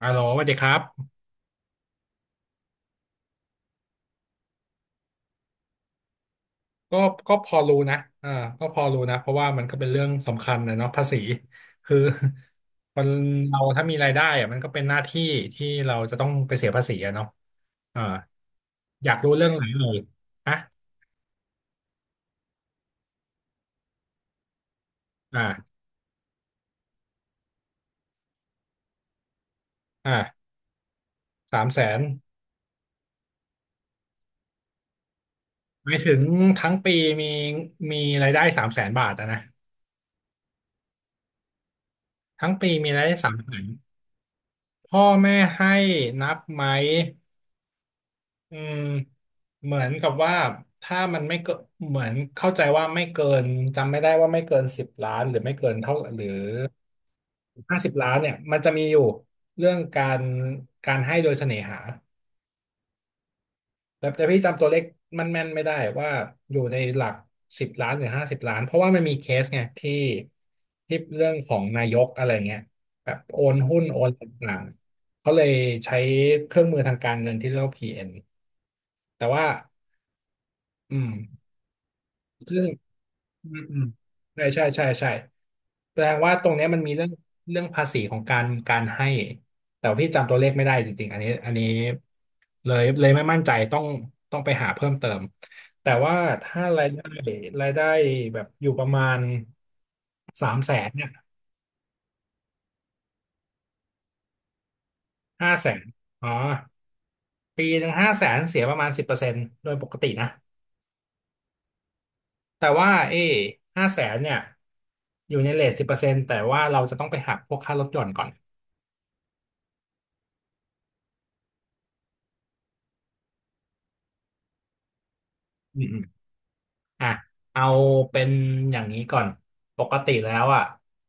โหลสวัสดีครับก็ก็พอรู้นะอ่าก็พอรู้นะเพราะว่ามันก็เป็นเรื่องสำคัญนะเนาะภาษีคือ คนเราถ้ามีรายได้อะมันก็เป็นหน้าที่ที่เราจะต้องไปเสียภาษีอะเนาะอ่าอยากรู้เรื่องไหนเลยฮะอ่าอ่าสามแสนหมายถึงทั้งปีมีมีรายได้300,000 บาทอะนะทั้งปีมีรายได้สามแสนพ่อแม่ให้นับไหม อืมเหมือนกับว่าถ้ามันไม่เกินเหมือนเข้าใจว่าไม่เกินจำไม่ได้ว่าไม่เกินสิบล้านหรือไม่เกินเท่าหรือห้าสิบล้านเนี่ยมันจะมีอยู่เรื่องการให้โดยเสน่หาแต่พี่จำตัวเลขมันแม่นไม่ได้ว่าอยู่ในหลักสิบล้านหรือห้าสิบล้านเพราะว่ามันมีเคสไงที่เรื่องของนายกอะไรเงี้ยแบบโอนหุ้นโอนต่างๆเขาเลยใช้เครื่องมือทางการเงินที่เรียกว่าPNแต่ว่า อืมซึ่งอืมอืมใช่ใช่ใช่ใช่แสดงว่าตรงเนี้ยมันมีเรื่องภาษีของการให้ แต่ว่าพี่จำตัวเลขไม่ได้จริงๆอันนี้เลยไม่มั่นใจต้องไปหาเพิ่มเติม แต่ว่าถ้ารายได้แบบอยู่ประมาณสามแสนเนี่ยห้าแสนอ๋อปีหนึ่งห้าแสนเสียประมาณสิบเปอร์เซ็นต์โดยปกตินะแต่ว่าห้าแสนเนี่ยอยู่ในเรทสิบเปอร์เซ็นต์แต่ว่าเราจะต้องไปหักพวกค่ารถยนต์ก่อน อืมอืมอ่ะเอาเป็นอย่างนี้ก่อนปกติแล้วอ่ะ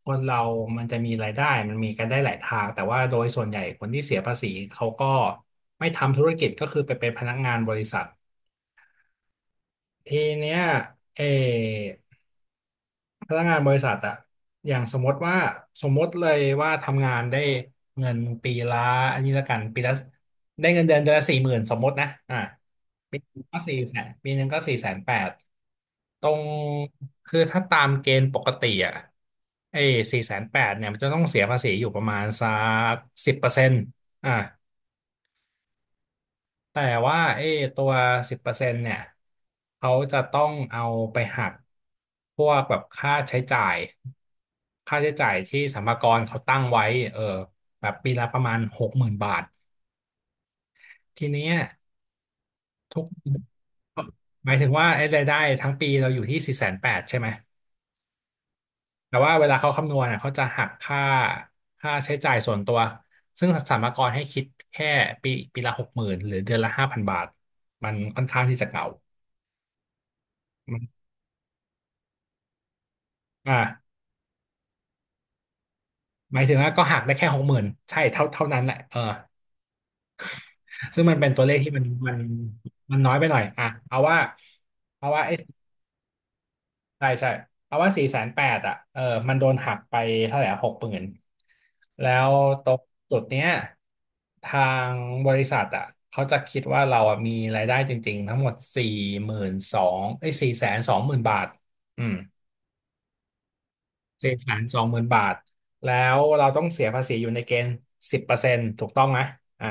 คนเรามันจะมีรายได้มันมีกันได้หลายทางแต่ว่าโดยส่วนใหญ่คนที่เสียภาษีเขาก็ไม่ทำธุรกิจก็คือไปเป็นพนักงานบริษัททีเนี้ยเออพนักงานบริษัทอ่ะอย่างสมมติเลยว่าทำงานได้เงินปีละอันนี้ละกันปีละได้เงินเดือนเดือนละสี่หมื่นสมมตินะอ่ะปีหนึ่งก็สี่แสนปีหนึ่งก็สี่แสนแปด ตรงคือถ้าตามเกณฑ์ปกติอ่ะไอ้สี่แสนแปดเนี่ยมันจะต้องเสียภาษีอยู่ประมาณสักสิบเปอร์เซ็นต์อ่ะแต่ว่าไอ้ตัวสิบเปอร์เซ็นต์เนี่ยเขาจะต้องเอาไปหักพวกแบบค่าใช้จ่ายค่าใช้จ่ายที่สรรพากรเขาตั้งไว้เออแบบปีละประมาณ60,000 บาททีเนี้ยทุกหมายถึงว่าไอ้รายได้ทั้งปีเราอยู่ที่สี่แสนแปดใช่ไหม แต่ว่าเวลาเขาคำนวณอะเขาจะหักค่าค่าใช้จ่ายส่วนตัวซึ่งสรรพากรให้คิดแค่ปีละหกหมื่นหรือเดือนละ5,000 บาทมันค่อนข้างที่จะเก่ามันอ่าหมายถึงว่าก็หักได้แค่หกหมื่นใช่เท่าเท่านั้นแหละเออซึ่งมันเป็นตัวเลขที่มันน้อยไปหน่อยอ่ะเอาว่าไอ้ ใช่ใช่เอาว่าสี่แสนแปดอ่ะเออมันโดนหักไปเท่าไหร่หกหมื่นแล้วตรงจุดเนี้ยทางบริษัทอ่ะเขาจะคิดว่าเราอ่ะมีรายได้จริงๆทั้งหมด42,000ไอ้สี่แสนสองหมื่นบาทอืมสี่แสนสองหมื่นบาท แล้วเราต้องเสียภาษีอยู่ในเกณฑ์สิบเปอร์เซ็นต์ถูกต้องไหมอ่า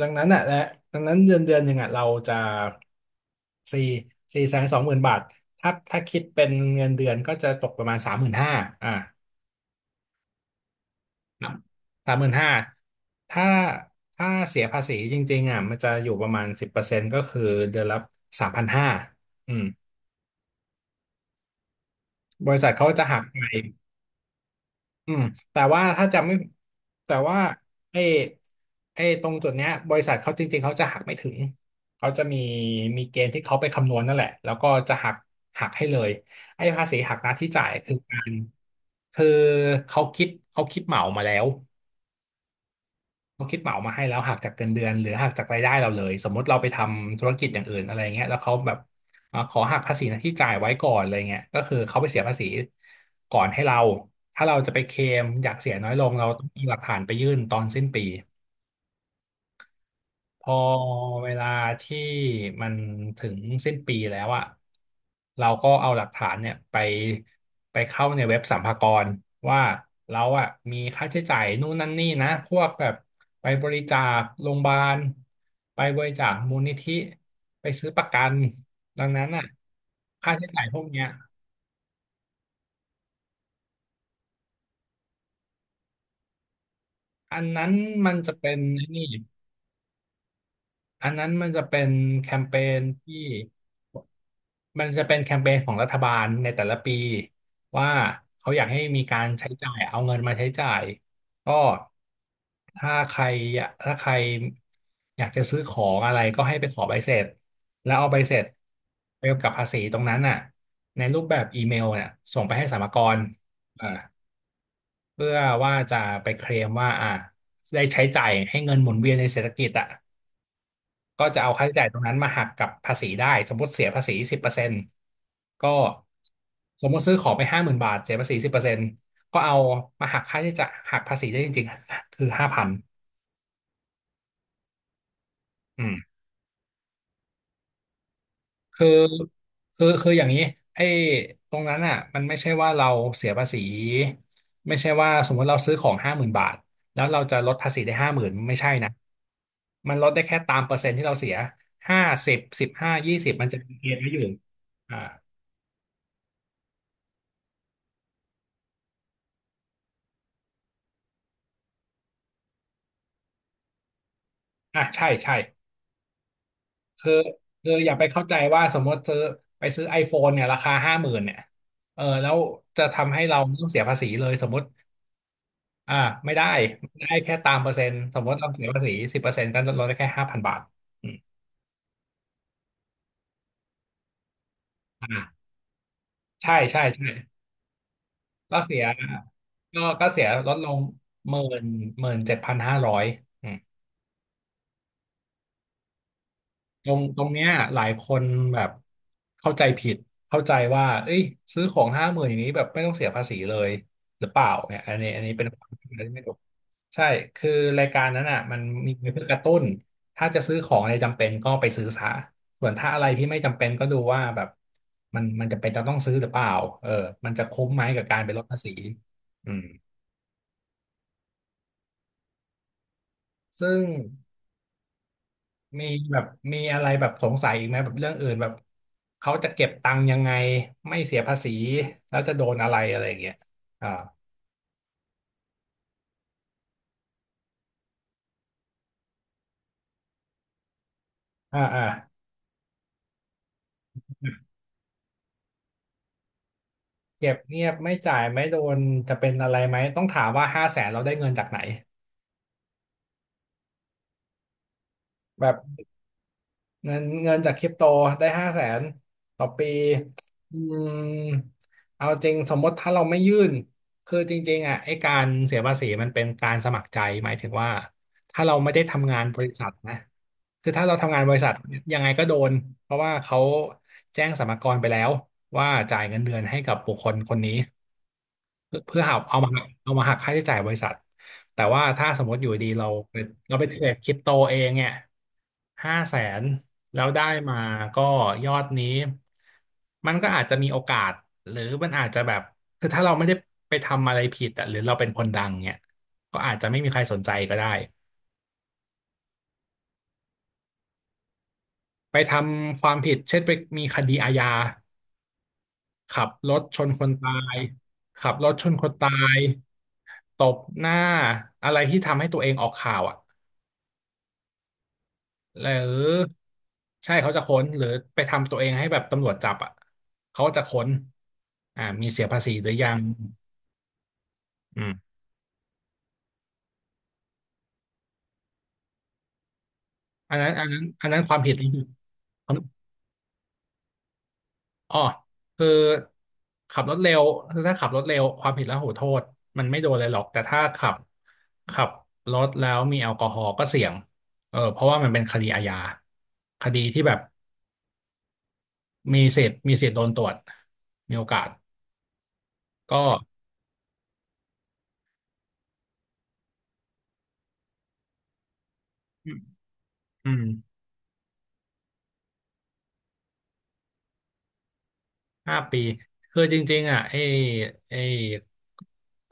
ดังนั้นอ่ะและดังนั้นเดือนเดือนหนึ่งอ่ะเราจะสี่สี่แสนสองหมื่นบาทถ้าคิดเป็นเงินเดือนก็จะตกประมาณสามหมื่นห้าอ่าบสามหมื่นห้าถ้าถ้าเสียภาษีจริงๆอ่ะมันจะอยู่ประมาณสิบเปอร์เซ็นต์ก็คือเดือนละ3,500อืมบริษัทเขาจะหักไป อืมแต่ว่าถ้าจำไม่แต่ว่าไอ้ไอ้ตรงจุดเนี้ยบริษัทเขาจริงๆเขาจะหักไม่ถึงเขาจะมีเกณฑ์ที่เขาไปคำนวณนั่นแหละแล้วก็จะหักให้เลยไอ้ภาษีหักหน้าที่จ่ายคือเขาคิดเหมามาแล้ว เขาคิดเหมามาให้แล้วหักจากเงินเดือนหรือหักจากรายได้เราเลยสมมติเราไปทำธุรกิจอย่างอื่นอะไรเงี้ยแล้วเขาแบบขอหักภาษีนะที่จ่ายไว้ก่อนอะไรเงี้ยก็คือเขาไปเสียภาษีก่อนให้เราถ้าเราจะไปเคลมอยากเสียน้อยลงเราต้องมีหลักฐานไปยื่นตอนสิ้นปี พอเวลาที่มันถึงสิ้นปีแล้วอะเราก็เอาหลักฐานเนี่ยไปไปเข้าในเว็บสรรพากรว่าเราอะมีค่าใช้จ่ายนู่นนั่นนี่นะพวกแบบไปบริจาคโรงพยาบาลไปบริจาคมูลนิธิไปซื้อประกันดังนั้นอะค่าใช้จ่ายพวกเนี้ยอันนั้นมันจะเป็นไอ้นี่อันนั้นมันจะเป็นแคมเปญที่ มันจะเป็นแคมเปญของรัฐบาลในแต่ละปีว่าเขาอยากให้มีการใช้จ่ายเอาเงินมาใช้จ่ายก็ถ้าใครอยากถ้าใครอยากจะซื้อของอะไรก็ให้ไปขอใบเสร็จแล้วเอาใบเสร็จไปกับภาษีตรงนั้นน่ะในรูปแบบอีเมลเนี่ยส่งไปให้สรรพากรอ่าเพื่อว่าจะไปเคลมว่าได้ใช้จ่ายให้เงินหมุนเวียนในเศรษฐกิจอ่ะ ก็จะเอาค่าใช้จ่ายตรงนั้นมาหักกับภาษีได้สมมติเสียภาษีสิบเปอร์เซ็นต์ก็สมมติซื้อของไปห้าหมื่นบาทเสียภาษีสิบเปอร์เซ็นต์ก็เอามาหักค่าใช้จ่ายหักภาษีได้จริงๆคือห้าพันอืมคือคืออย่างนี้ไอ้ตรงนั้นอ่ะมันไม่ใช่ว่าเราเสียภาษีไม่ใช่ว่าสมมติเราซื้อของห้าหมื่นบาทแล้วเราจะลดภาษีได้ห้าหมื่นไม่ใช่นะมันลดได้แค่ตามเปอร์เซ็นต์ที่เราเสียห้าสิบสิบห้ายี่สิบมันจะมีเกณฑ์ไว้อยู่อ่าอ่ะใช่ใช่ คือคืออย่าไปเข้าใจว่าสมมติซื้อไปซื้อ iPhone เนี่ยราคาห้าหมื่นเนี่ยเออแล้วจะทำให้เราไม่ต้องเสียภาษีเลยสมมติอ่าไม่ได้ไม่ได้แค่ตามเปอร์เซ็นต์สมมติเราเสียภาษีสิบเปอร์เซ็นต์ก็ลดได้แค่ห้าพันบาทอืมอ่าใช่ใช่ใช่ก็เสียก็เสียลดลงหมื่นหมื่นเจ็ดพันห้าร้อย ตรงเนี้ยหลายคนแบบเข้าใจผิดเข้าใจว่าเอ้ยซื้อของห้าหมื่นอย่างนี้แบบไม่ต้องเสียภาษีเลยหรือเปล่าเนี่ยอันนี้เป็นความคิดที่ไม่ถูกใช่คือรายการนั้นอ่ะมันมีไว้เพื่อกระตุ้นถ้าจะซื้อของอะไรจำเป็นก็ไปซื้อซะส่วนถ้าอะไรที่ไม่จำเป็นก็ดูว่าแบบมันจะเป็นจะต้องซื้อหรือเปล่าเออมันจะคุ้มไหมกับการไปลดภาษีอืมซึ่ง มีแบบมีอะไรแบบสงสัยอีกไหมแบบเรื่องอื่นแบบเขาจะเก็บตังค์ยังไงไม่เสียภาษีแล้วจะโดนอะไรอะไรอย่างเงี้ยอ่าอ่าอ่าเก็บเงียบไม่จ่ายไม่โดนจะเป็นอะไรไหมต้องถามว่าห้าแสนเราได้เงินจากไหนแบบ เงินจากคริปโตได้ห้าแสนต่อปีอืมเอาจริงสมมติถ้าเราไม่ยื่นคือจริงๆอ่ะไอ้การเสียภาษีมันเป็นการสมัครใจหมายถึงว่าถ้าเราไม่ได้ทำงานบริษัทนะคือถ้าเราทำงานบริษัทยังไงก็โดนเพราะว่าเขาแจ้งสรรพากรไปแล้วว่าจ่ายเงินเดือนให้กับบุคคลคนนี้ เพื่อหาเอามาหักเอามาหักค่าใช้จ่ายบริษัทแต่ว่าถ้าสมมติอยู่ดีเราไปเราไปเทรดคริปโตเองเนี่ยห้าแสนแล้วได้มาก็ยอดนี้มันก็อาจจะมีโอกาสหรือมันอาจจะแบบคือถ้าเราไม่ได้ไปทำอะไรผิดอะหรือเราเป็นคนดังเนี่ยก็อาจจะไม่มีใครสนใจก็ได้ไปทำความผิดเช่นไปมีคดีอาญาขับรถชนคนตายขับรถชนคนตายตบหน้าอะไรที่ทำให้ตัวเองออกข่าวอ่ะ หรือใช่เขาจะค้นหรือไปทำตัวเองให้แบบตำรวจจับอ่ะเขาจะค้นอ่ามีเสียภาษีหรือยังอืมอันนั้นความผิดนี่คืออ๋อคือขับรถเร็วคือถ้าขับรถเร็วความผิดแล้วหูโทษมันไม่โดนเลยหรอกแต่ถ้าขับขับรถแล้วมีแอลกอฮอล์ก็เสี่ยงเออเพราะว่ามันเป็นคดีอาญาคดีที่แบบมีสิทธิ์โดนตรวจมีโอกาสก็อืม ห้าปีคือจริงๆอ่ะไอ้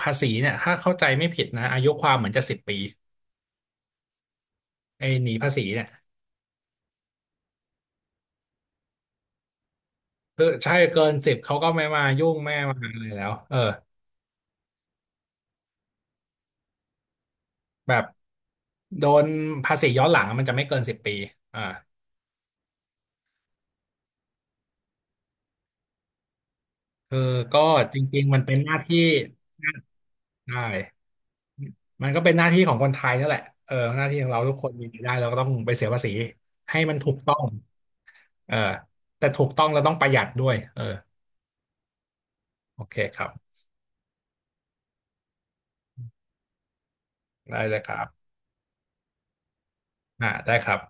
ภาษีเนี่ยถ้าเข้าใจไม่ผิดนะอายุความเหมือนจะสิบปีไอ้หนีภาษีเนี่ยคือใช่เกินสิบเขาก็ไม่มายุ่งไม่มาอะไรแล้วเออแบบโดนภาษีย้อนหลังมันจะไม่เกินสิบปีอ่าคือก็จริงๆมันเป็นหน้าที่ใช่มันก็เป็นหน้าที่ของคนไทยนั่นแหละเออหน้าที่ของเราทุกคนมีรายได้เราก็ต้องไปเสียภาษีให้มันถูกต้องเออแต่ถูกต้องเราต้องประหยัดด้วยเออโอเคครับ ได้เลยครับอ่าได้ครับ